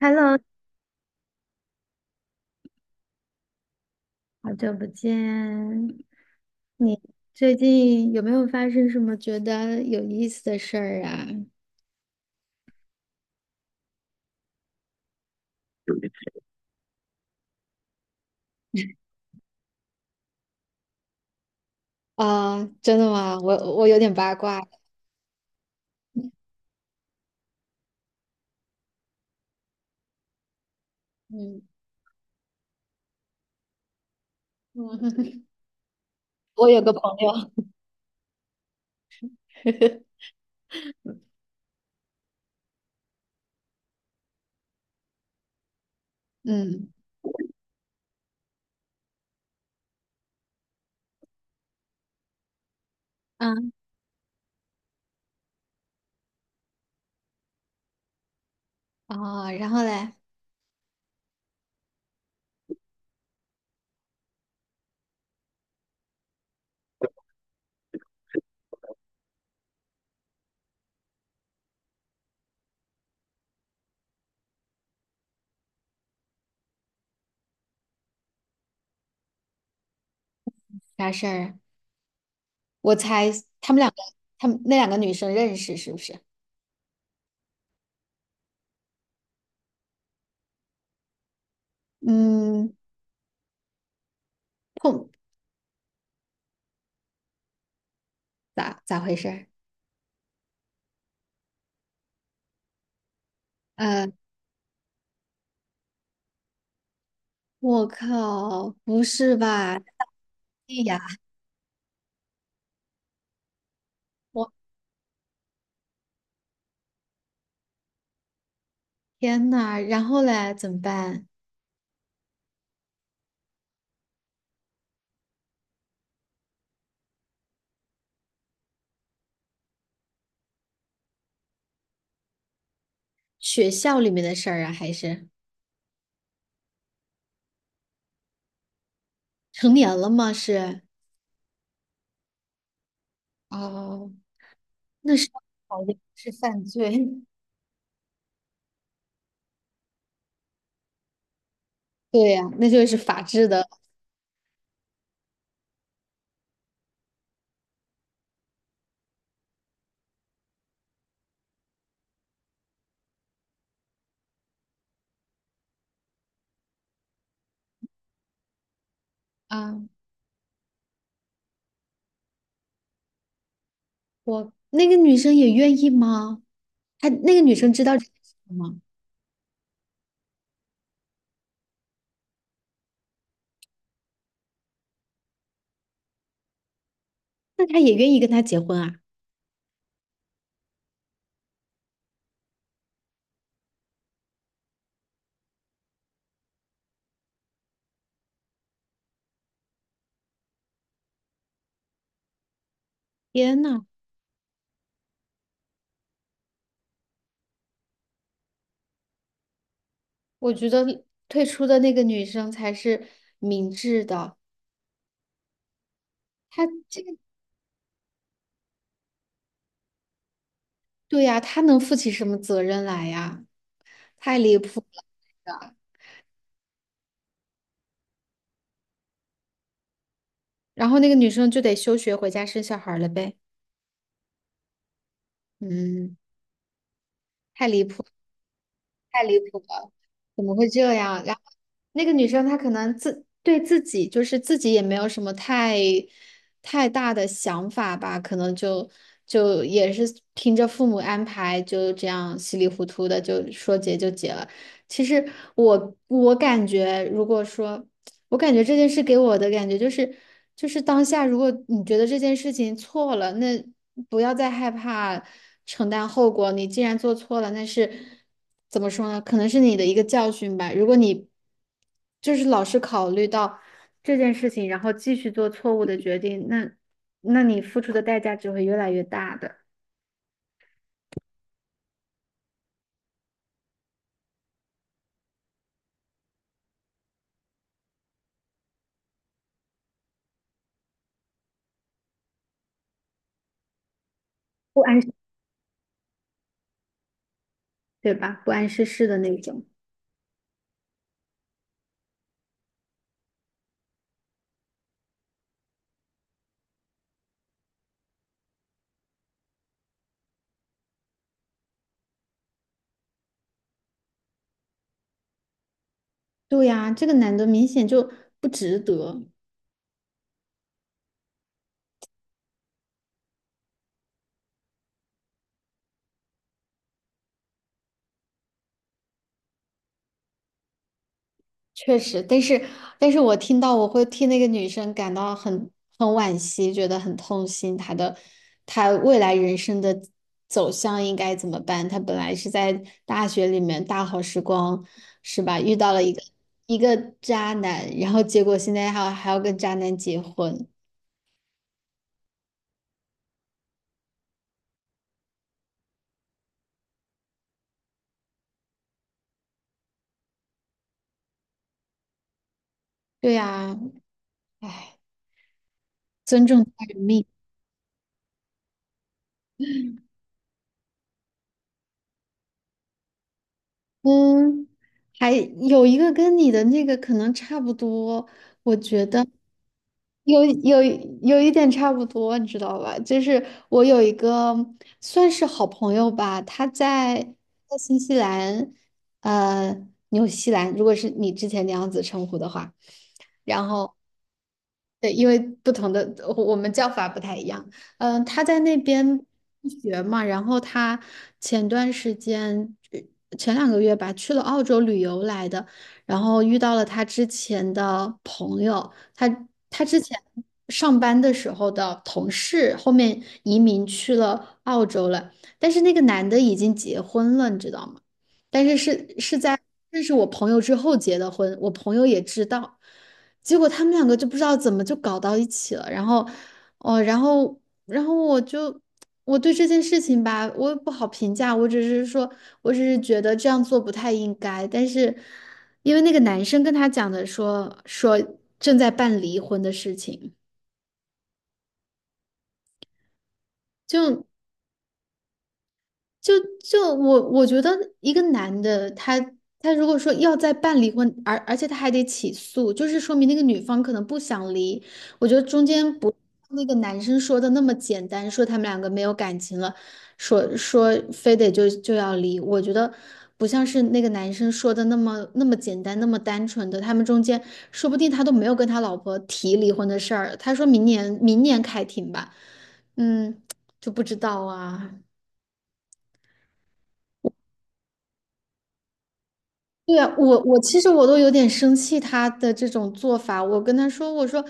Hello，好久不见。你最近有没有发生什么觉得有意思的事儿啊？啊，真的吗？我有点八卦。嗯嗯，我有个朋友，嗯嗯，啊，然后嘞，啥事儿？我猜他们两个，他们那两个女生认识是不是？嗯，碰咋回事儿？呃，我靠，不是吧？哎呀，我天呐，然后嘞，怎么办？学校里面的事儿啊，还是成年了吗？是，哦，那是，好像是犯罪 对呀、那就是法治的。啊，那个女生也愿意吗？她那个女生知道这件事情吗？那她也愿意跟他结婚啊？天呐，我觉得退出的那个女生才是明智的。她这个，对呀、她能负起什么责任来呀？太离谱了。然后那个女生就得休学回家生小孩了呗。嗯。太离谱，太离谱了，怎么会这样？然后那个女生她可能对自己就是自己也没有什么太大的想法吧，可能就也是听着父母安排，就这样稀里糊涂的就说结就结了。其实我感觉，如果说我感觉这件事给我的感觉就是，就是当下，如果你觉得这件事情错了，那不要再害怕承担后果。你既然做错了，那是怎么说呢？可能是你的一个教训吧。如果你就是老是考虑到这件事情，然后继续做错误的决定，那你付出的代价只会越来越大的，不谙，对吧？不谙世事的那种。对呀，这个男的明显就不值得。确实，但是我听到我会替那个女生感到很惋惜，觉得很痛心。她未来人生的走向应该怎么办？她本来是在大学里面大好时光，是吧？遇到了一个渣男，然后结果现在还要跟渣男结婚。对呀，唉，尊重他人命。嗯，还有一个跟你的那个可能差不多，有有有一点差不多，你知道吧？就是我有一个算是好朋友吧，他在新西兰，呃，纽西兰，如果是你之前那样子称呼的话，然后对，因为不同的我们叫法不太一样。嗯、他在那边学嘛，然后他前段时间前2个月吧，去了澳洲旅游来的，然后遇到了他之前的朋友，他之前上班的时候的同事，后面移民去了澳洲了，但是那个男的已经结婚了，你知道吗？但是是在认识我朋友之后结的婚，我朋友也知道。结果他们两个就不知道怎么就搞到一起了，然后，哦，我就我对这件事情吧，我也不好评价，我只是说，我只是觉得这样做不太应该，但是因为那个男生跟他讲的说正在办离婚的事情，就就就我觉得一个男的他如果说要再办离婚，而且他还得起诉，就是说明那个女方可能不想离。我觉得中间不那个男生说的那么简单，说他们两个没有感情了，说非得就要离。我觉得不像是那个男生说的那么简单，那么单纯的。他们中间说不定他都没有跟他老婆提离婚的事儿，他说明年开庭吧，嗯，就不知道啊。对啊，其实我都有点生气他的这种做法。我跟他说，我说，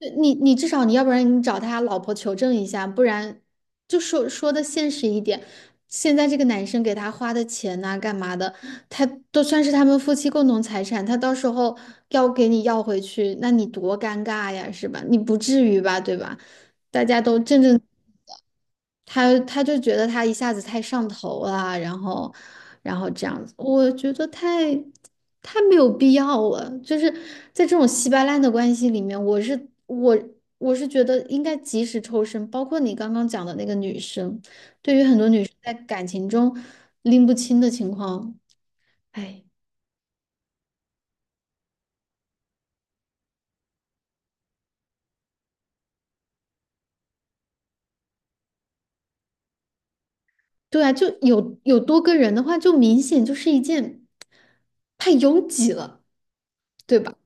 你至少你要不然你找他老婆求证一下，不然就说的现实一点。现在这个男生给他花的钱呐、干嘛的，他都算是他们夫妻共同财产，他到时候要给你要回去，那你多尴尬呀，是吧？你不至于吧，对吧？大家都正正。他就觉得他一下子太上头了，然后这样子，我觉得太没有必要了。就是在这种稀巴烂的关系里面，我是觉得应该及时抽身。包括你刚刚讲的那个女生，对于很多女生在感情中拎不清的情况，哎，对啊，就有多个人的话，就明显就是一件太拥挤了，对吧？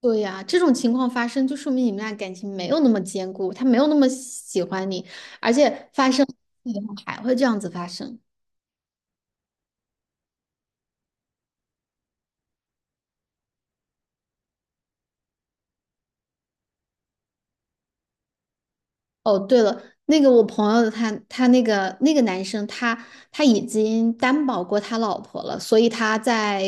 对呀，这种情况发生，就说明你们俩感情没有那么坚固，他没有那么喜欢你，而且发生以后还会这样子发生。哦，对了，那个我朋友他那个男生他已经担保过他老婆了，所以他在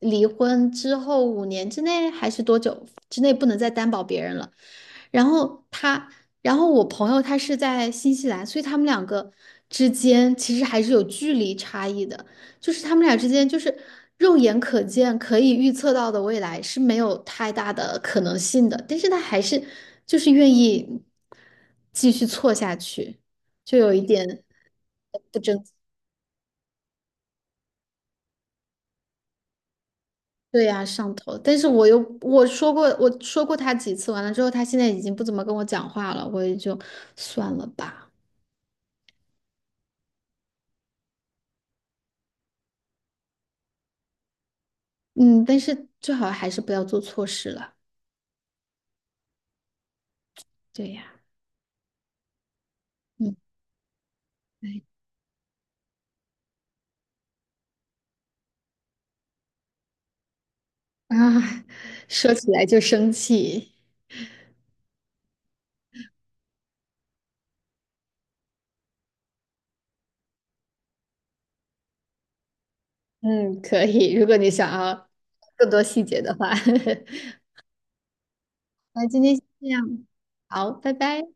离婚之后5年之内还是多久之内不能再担保别人了。然后他，然后我朋友他是在新西兰，所以他们两个之间其实还是有距离差异的，就是他们俩之间就是肉眼可见可以预测到的未来是没有太大的可能性的，但是他还是就是愿意继续错下去，就有一点不争气对呀，上头。但是我说过，他几次，完了之后，他现在已经不怎么跟我讲话了，我也就算了吧。嗯，但是最好还是不要做错事了。对呀，嗯，对啊，说起来就生气。嗯，可以，如果你想要更多细节的话，那今天先这样，好，拜拜。